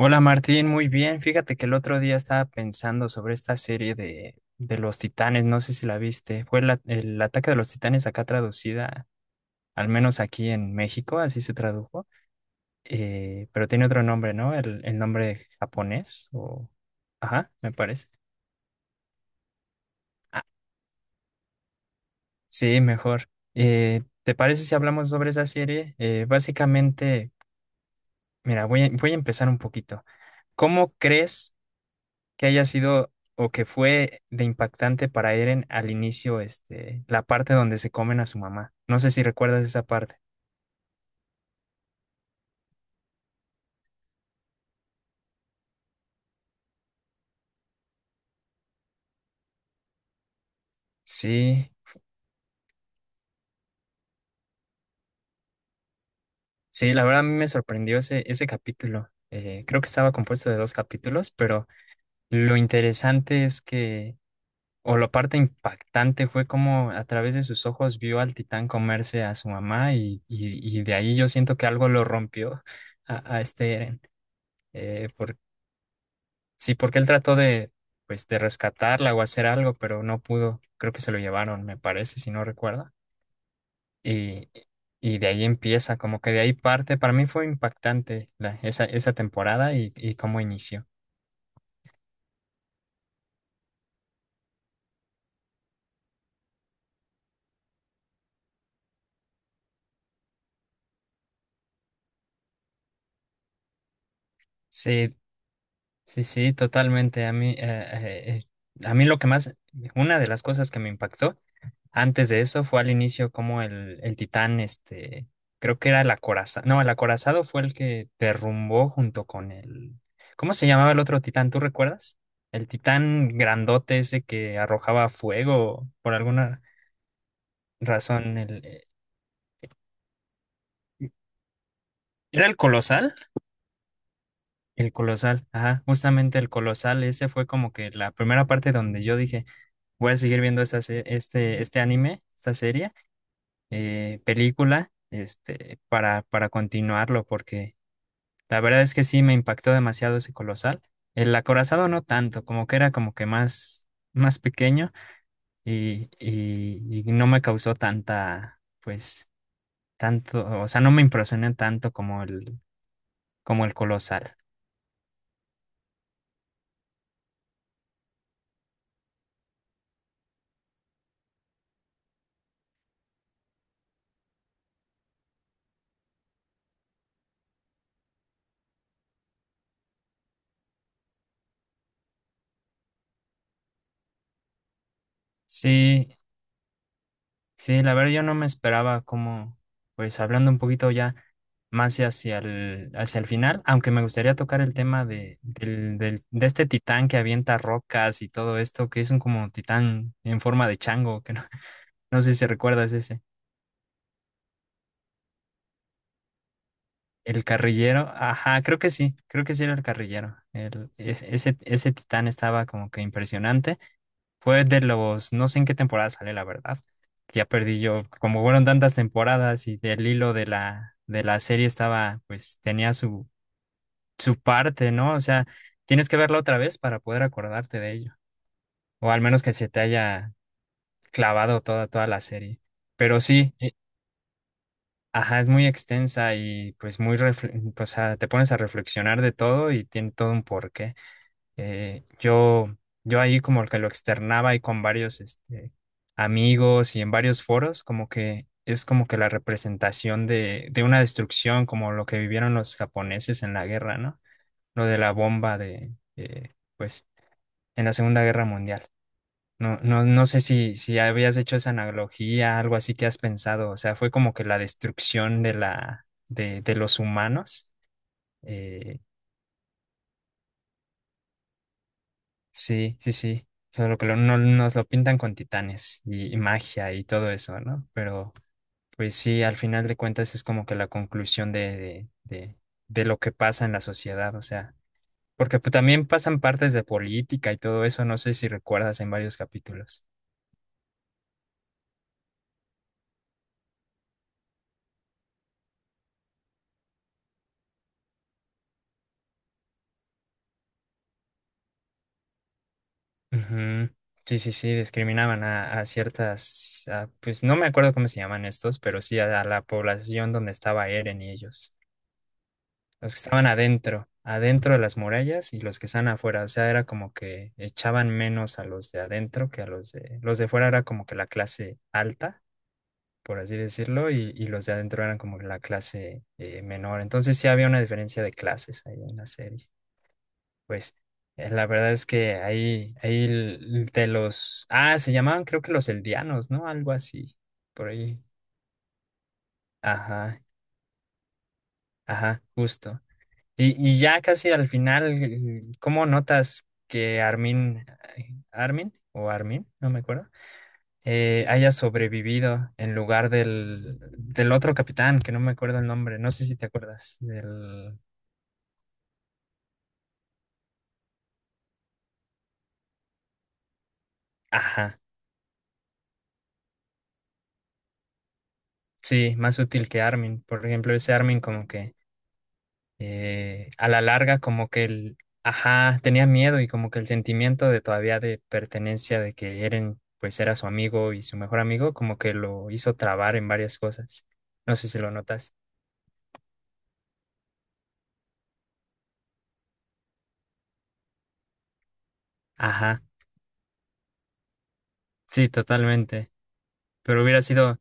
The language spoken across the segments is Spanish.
Hola Martín, muy bien. Fíjate que el otro día estaba pensando sobre esta serie de los Titanes, no sé si la viste. Fue el ataque de los Titanes acá traducida, al menos aquí en México, así se tradujo. Pero tiene otro nombre, ¿no? El nombre japonés o... Ajá, me parece. Ah, sí, mejor. ¿Te parece si hablamos sobre esa serie? Básicamente, mira, voy a empezar un poquito. ¿Cómo crees que haya sido o que fue de impactante para Eren al inicio, este, la parte donde se comen a su mamá? No sé si recuerdas esa parte. Sí, sí, la verdad a mí me sorprendió ese capítulo. Creo que estaba compuesto de dos capítulos, pero lo interesante es que, o la parte impactante fue como a través de sus ojos vio al titán comerse a su mamá, y de ahí yo siento que algo lo rompió a este Eren. Eh, Sí, porque él trató de, pues, de rescatarla o hacer algo, pero no pudo. Creo que se lo llevaron, me parece, si no recuerda. Y, y de ahí empieza, como que de ahí parte. Para mí fue impactante esa, esa temporada y cómo inició. Sí, sí, sí, totalmente. A mí lo que más, una de las cosas que me impactó antes de eso fue al inicio como el Titán, este, creo que era el acorazado, no, el acorazado fue el que derrumbó junto con el, ¿cómo se llamaba el otro Titán? ¿Tú recuerdas? El Titán grandote ese que arrojaba fuego por alguna razón, el, ¿era el Colosal? El Colosal, ajá, justamente el Colosal, ese fue como que la primera parte donde yo dije, voy a seguir viendo esta, este, este anime, esta serie, película, este, para continuarlo, porque la verdad es que sí me impactó demasiado ese colosal. El acorazado no tanto, como que era como que más, más pequeño y no me causó tanta, pues, tanto, o sea, no me impresioné tanto como el colosal. Sí, sí, la verdad yo no me esperaba como, pues, hablando un poquito ya más hacia el final, aunque me gustaría tocar el tema de, de este titán que avienta rocas y todo esto, que es un como titán en forma de chango, que no. No sé si recuerdas ese. El carrillero. Ajá, creo que sí. Creo que sí era el carrillero. El, ese titán estaba como que impresionante. Fue de los, no sé en qué temporada sale, la verdad. Ya perdí yo. Como fueron tantas temporadas y del hilo de de la serie estaba, pues tenía su, su parte, ¿no? O sea, tienes que verla otra vez para poder acordarte de ello. O al menos que se te haya clavado toda, toda la serie. Pero sí. Ajá, es muy extensa y pues muy, o sea, te pones a reflexionar de todo y tiene todo un porqué. Eh, yo, yo ahí como que lo externaba y con varios este, amigos y en varios foros, como que es como que la representación de una destrucción, como lo que vivieron los japoneses en la guerra, ¿no? Lo de la bomba de, pues, en la Segunda Guerra Mundial. No sé si habías hecho esa analogía, algo así que has pensado. O sea, fue como que la destrucción de de los humanos. Eh, sí, sí, sí. Solo que no, nos lo pintan con titanes y magia y todo eso, ¿no? Pero pues sí, al final de cuentas es como que la conclusión de lo que pasa en la sociedad. O sea, porque pues, también pasan partes de política y todo eso, no sé si recuerdas en varios capítulos. Ujú. Sí, sí, sí, discriminaban a ciertas, pues no me acuerdo cómo se llaman estos, pero sí a la población donde estaba Eren y ellos. Los que estaban adentro, adentro de las murallas y los que estaban afuera. O sea, era como que echaban menos a los de adentro que a los de... Los de fuera era como que la clase alta, por así decirlo, y los de adentro eran como que la clase menor. Entonces sí había una diferencia de clases ahí en la serie. Pues la verdad es que ahí, ahí de los, ah, se llamaban creo que los eldianos, ¿no? Algo así, por ahí. Ajá, ajá, justo. Y ya casi al final, ¿cómo notas que Armin, Armin o Armin, no me acuerdo, haya sobrevivido en lugar del otro capitán, que no me acuerdo el nombre, no sé si te acuerdas, del... Ajá, sí, más útil que Armin. Por ejemplo, ese Armin como que... a la larga como que el, ajá, tenía miedo y como que el sentimiento de todavía de pertenencia de que Eren pues era su amigo y su mejor amigo como que lo hizo trabar en varias cosas. No sé si lo notas. Ajá, sí, totalmente. Pero hubiera sido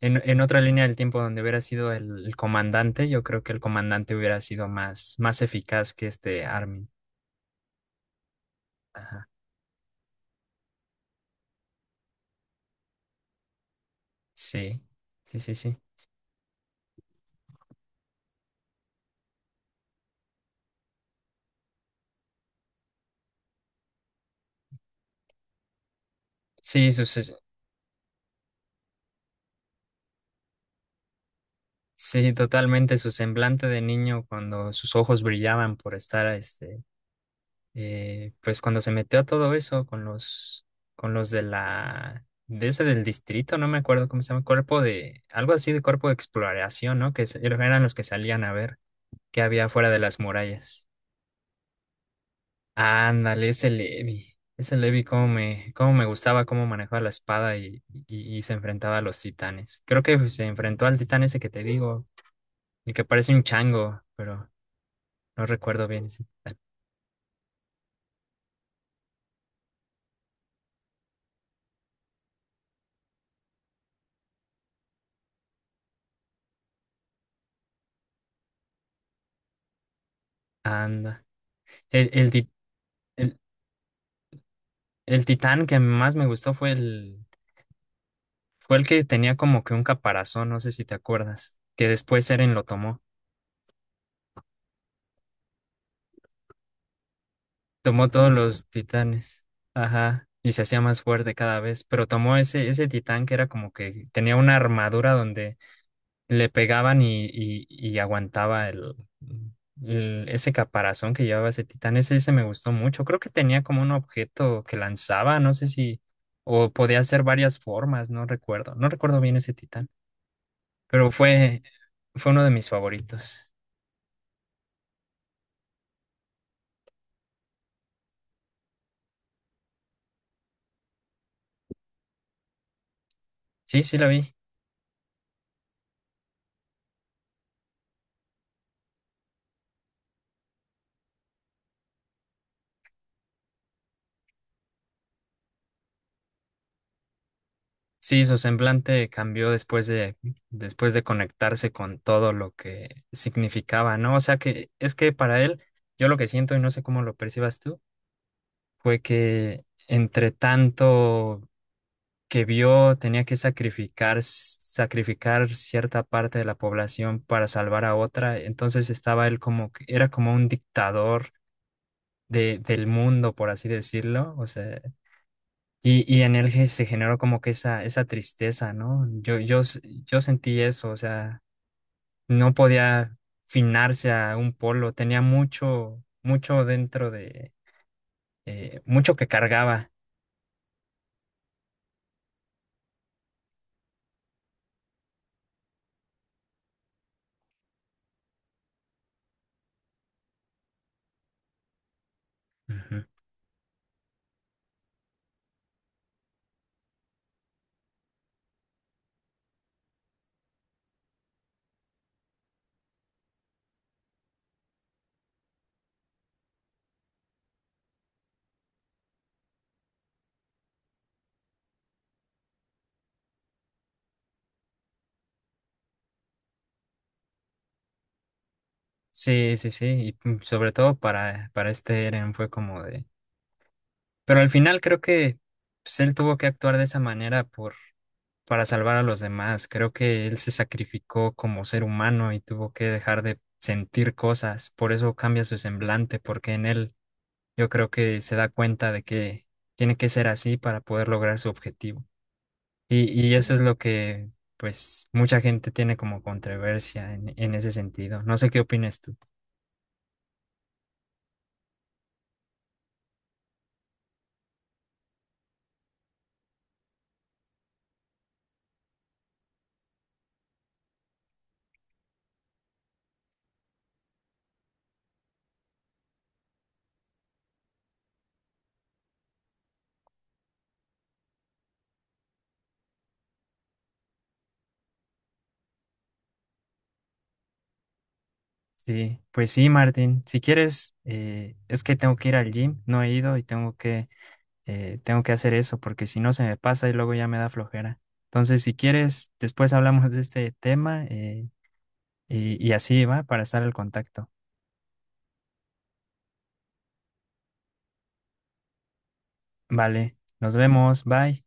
en otra línea del tiempo donde hubiera sido el comandante, yo creo que el comandante hubiera sido más, más eficaz que este Armin. Ajá, sí, sí, sí, sí. Sí, sus. Sí, totalmente. Su semblante de niño cuando sus ojos brillaban por estar, este, pues cuando se metió a todo eso con los de la, de ese del distrito, no me acuerdo cómo se llama, cuerpo de, algo así de cuerpo de exploración, ¿no? Eran los que salían a ver qué había fuera de las murallas. Ándale, ese Levi, cómo me gustaba cómo manejaba la espada y se enfrentaba a los titanes. Creo que se enfrentó al titán ese que te digo, el que parece un chango, pero. No recuerdo bien ese titán. Anda. El, el, ti- el- el titán que más me gustó fue el que tenía como que un caparazón, no sé si te acuerdas, que después Eren lo tomó. Tomó todos los titanes. Ajá. Y se hacía más fuerte cada vez. Pero tomó ese titán que era como que tenía una armadura donde le pegaban y aguantaba ese caparazón que llevaba ese titán. Ese me gustó mucho. Creo que tenía como un objeto que lanzaba, no sé si, o podía hacer varias formas, no recuerdo. No recuerdo bien ese titán, pero fue, fue uno de mis favoritos. Sí, sí la vi. Sí, su semblante cambió después de conectarse con todo lo que significaba, ¿no? O sea que es que para él, yo lo que siento y no sé cómo lo percibas tú fue que entre tanto que vio tenía que sacrificar, sacrificar cierta parte de la población para salvar a otra, entonces estaba él como, era como un dictador de, del mundo, por así decirlo, o sea, y en él se generó como que esa tristeza, ¿no? Yo sentí eso, o sea, no podía finarse a un polo, tenía mucho, mucho dentro de, mucho que cargaba. Sí, sí, sí, y mm, sobre todo para este Eren fue como de... Pero al final creo que pues, él tuvo que actuar de esa manera por, para salvar a los demás. Creo que él se sacrificó como ser humano y tuvo que dejar de sentir cosas. Por eso cambia su semblante, porque en él yo creo que se da cuenta de que tiene que ser así para poder lograr su objetivo. Y eso es lo que pues mucha gente tiene como controversia en ese sentido. No sé qué opinas tú. Sí, pues sí, Martín. Si quieres, es que tengo que ir al gym, no he ido y tengo que hacer eso porque si no se me pasa y luego ya me da flojera. Entonces, si quieres, después hablamos de este tema y así va para estar al contacto. Vale, nos vemos, bye.